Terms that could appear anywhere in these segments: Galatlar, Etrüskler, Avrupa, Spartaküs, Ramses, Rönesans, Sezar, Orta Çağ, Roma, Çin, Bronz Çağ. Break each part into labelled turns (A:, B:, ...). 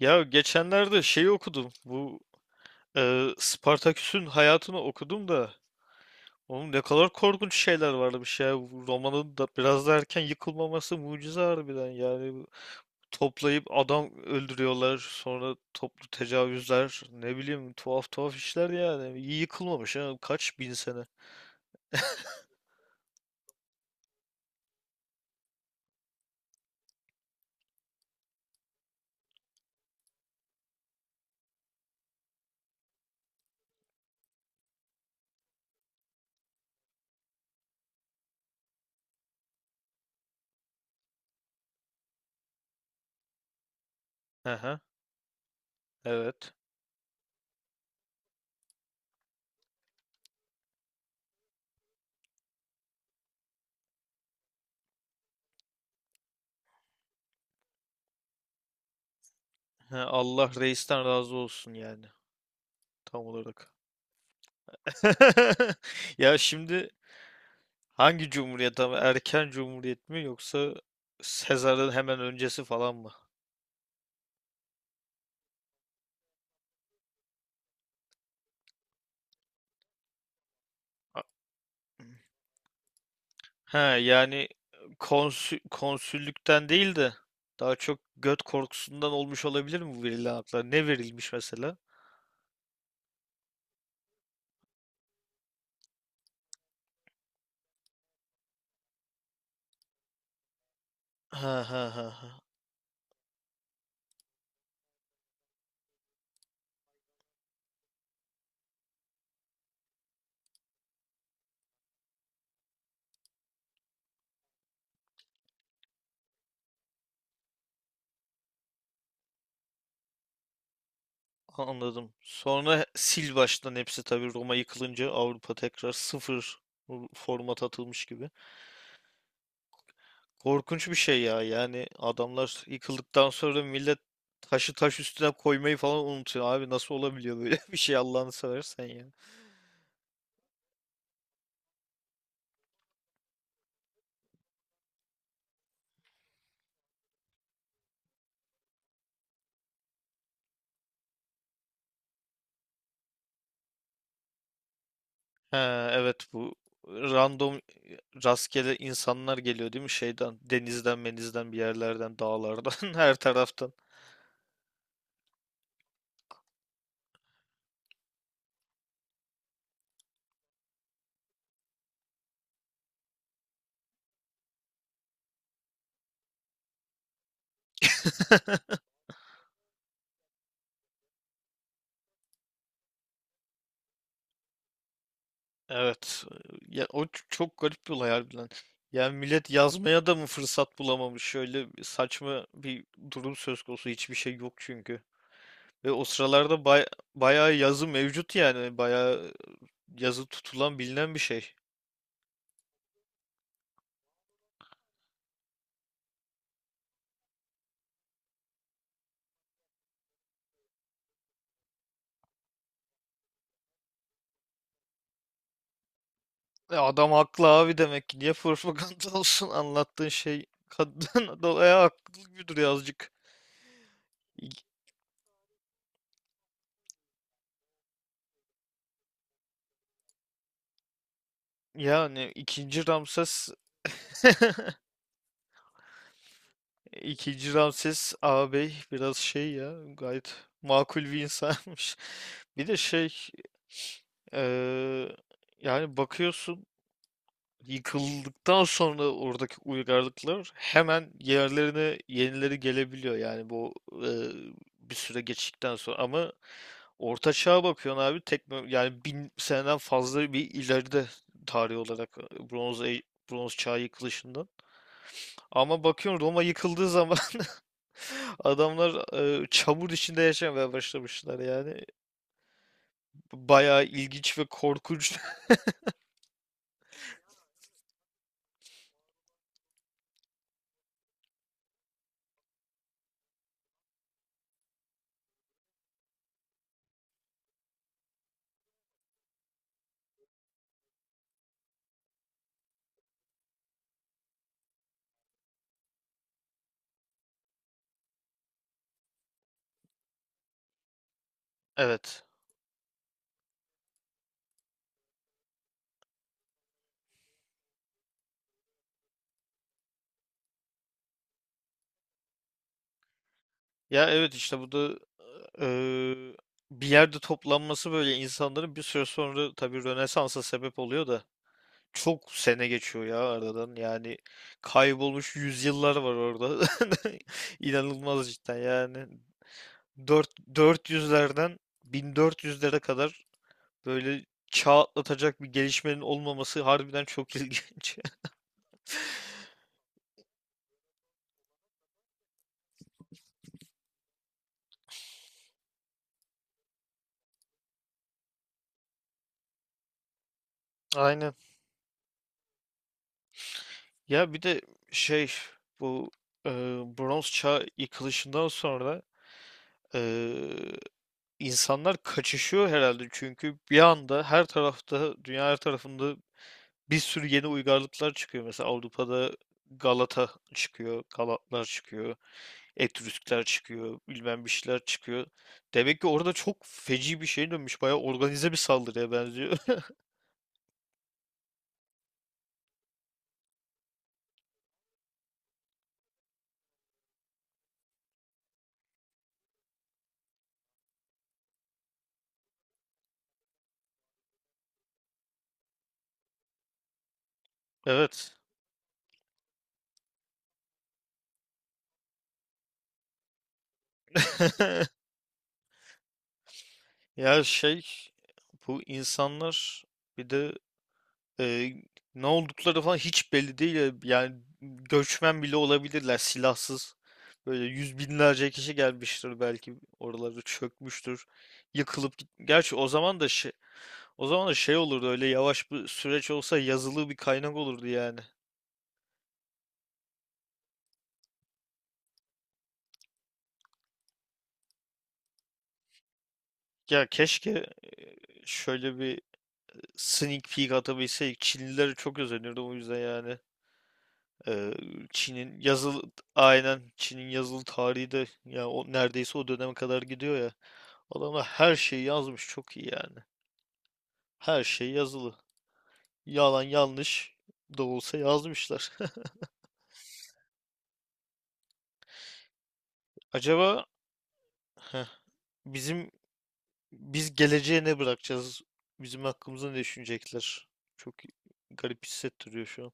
A: Ya geçenlerde şeyi okudum. Bu Spartaküs'ün hayatını okudum da. Oğlum ne kadar korkunç şeyler varmış ya. Bu romanın da biraz da erken yıkılmaması mucize harbiden. Yani bu toplayıp adam öldürüyorlar. Sonra toplu tecavüzler. Ne bileyim tuhaf tuhaf işler yani. İyi yıkılmamış ha. Kaç bin sene. Aha, evet. Ha, Allah reisten razı olsun yani. Tam olarak. Ya şimdi hangi cumhuriyet ama erken cumhuriyet mi yoksa Sezar'ın hemen öncesi falan mı? A- He, yani konsüllükten değil de daha çok göt korkusundan olmuş olabilir mi bu verilen haklar? Ne verilmiş mesela? Ha ha ha ha. Anladım. Sonra sil baştan hepsi tabii Roma yıkılınca Avrupa tekrar sıfır format atılmış gibi. Korkunç bir şey ya. Yani adamlar yıkıldıktan sonra millet taşı taş üstüne koymayı falan unutuyor. Abi nasıl olabiliyor böyle bir şey Allah'ını seversen ya. Ha, evet, bu random rastgele insanlar geliyor değil mi? Şeyden, denizden, menizden, bir yerlerden, dağlardan, her taraftan. Evet. Ya, o çok garip bir olay harbiden. Yani millet yazmaya da mı fırsat bulamamış? Şöyle bir saçma bir durum söz konusu. Hiçbir şey yok çünkü. Ve o sıralarda bayağı yazı mevcut yani. Bayağı yazı tutulan bilinen bir şey. E, adam haklı abi demek ki. Niye propaganda olsun anlattığın şey? Kadın da haklı gibi duruyor azıcık. İ- Yani ikinci Ramses İkinci Ramses ağabey biraz şey ya gayet makul bir insanmış. Bir de şey eee, yani bakıyorsun yıkıldıktan sonra oradaki uygarlıklar hemen yerlerine yenileri gelebiliyor yani bu eee, bir süre geçtikten sonra ama Orta Çağ'a bakıyorsun abi tekno yani 1000 seneden fazla bir ileride tarih olarak Bronz Çağ yıkılışından. Ama bakıyorsun Roma yıkıldığı zaman, adamlar çamur içinde yaşamaya başlamışlar yani. Bayağı ilginç ve korkunç. Evet. Ya evet işte bu da e, bir yerde toplanması böyle insanların bir süre sonra tabii Rönesans'a sebep oluyor da çok sene geçiyor ya aradan. Yani kaybolmuş yüzyıllar var orada. İnanılmaz cidden yani. Dört yüzlerden 1400'lere kadar böyle çağ atlatacak bir gelişmenin olmaması harbiden çok ilginç. Aynen. Ya bir de şey bu e, bronz çağ yıkılışından sonra e, insanlar kaçışıyor herhalde çünkü bir anda her tarafta dünya her tarafında bir sürü yeni uygarlıklar çıkıyor. Mesela Avrupa'da Galata çıkıyor, Galatlar çıkıyor, Etrüskler çıkıyor, bilmem bir şeyler çıkıyor. Demek ki orada çok feci bir şey dönmüş. Bayağı organize bir saldırıya benziyor. Evet. Ya şey bu insanlar bir de e, ne oldukları falan hiç belli değil ya. Yani göçmen bile olabilirler silahsız. Böyle yüz binlerce kişi gelmiştir belki oralarda çökmüştür. Yıkılıp git. Gerçi o zaman da şey olurdu öyle yavaş bir süreç olsa yazılı bir kaynak olurdu yani. Ya keşke e, şöyle bir sneak peek atabilseydik. Çinlilere çok özenirdim o yüzden yani. Eee, Çin'in yazılı aynen Çin'in yazılı tarihi de ya o neredeyse o döneme kadar gidiyor ya. Adamlar her şeyi yazmış çok iyi yani. Her şey yazılı. Yalan yanlış da olsa yazmışlar. Acaba heh, bizim biz geleceğe ne bırakacağız? Bizim hakkımızda ne düşünecekler? Çok garip hissettiriyor şu an.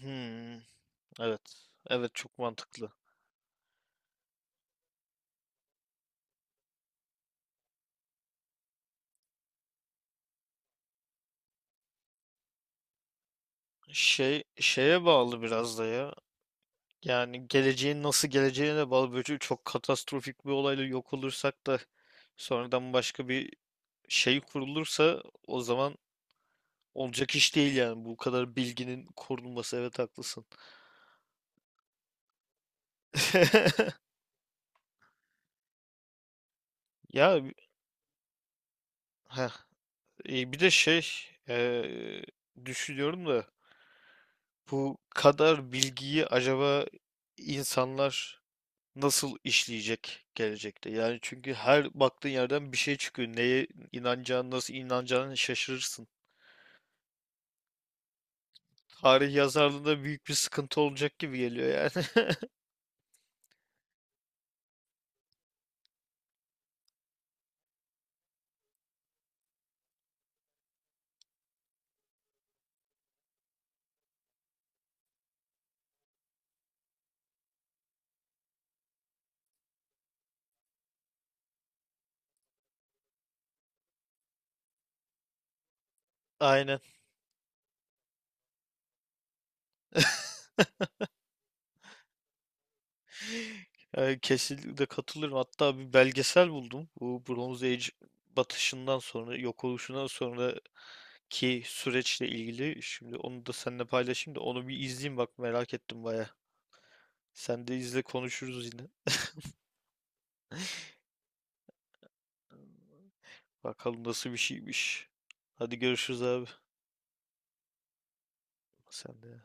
A: Hmm, evet. Evet, çok mantıklı. Şey şeye bağlı biraz da ya. Yani geleceğin nasıl geleceğine de bağlı. Böyle çok katastrofik bir olayla yok olursak da sonradan başka bir şey kurulursa o zaman olacak iş değil yani. Bu kadar bilginin korunması, evet, haklısın. Ya heh, bir de şey e, düşünüyorum da bu kadar bilgiyi acaba insanlar nasıl işleyecek gelecekte? Yani çünkü her baktığın yerden bir şey çıkıyor. Neye inanacağını, nasıl inanacağını şaşırırsın. Tarih yazarlığında büyük bir sıkıntı olacak gibi geliyor yani. Aynen. Yani kesinlikle katılıyorum. Hatta bir belgesel buldum. Bu Bronze Age batışından sonra, yok oluşundan sonraki süreçle ilgili. Şimdi onu da seninle paylaşayım da onu bir izleyeyim, bak, merak ettim baya. Sen de izle, konuşuruz yine. Bakalım nasıl bir şeymiş. Hadi görüşürüz abi. Sen de.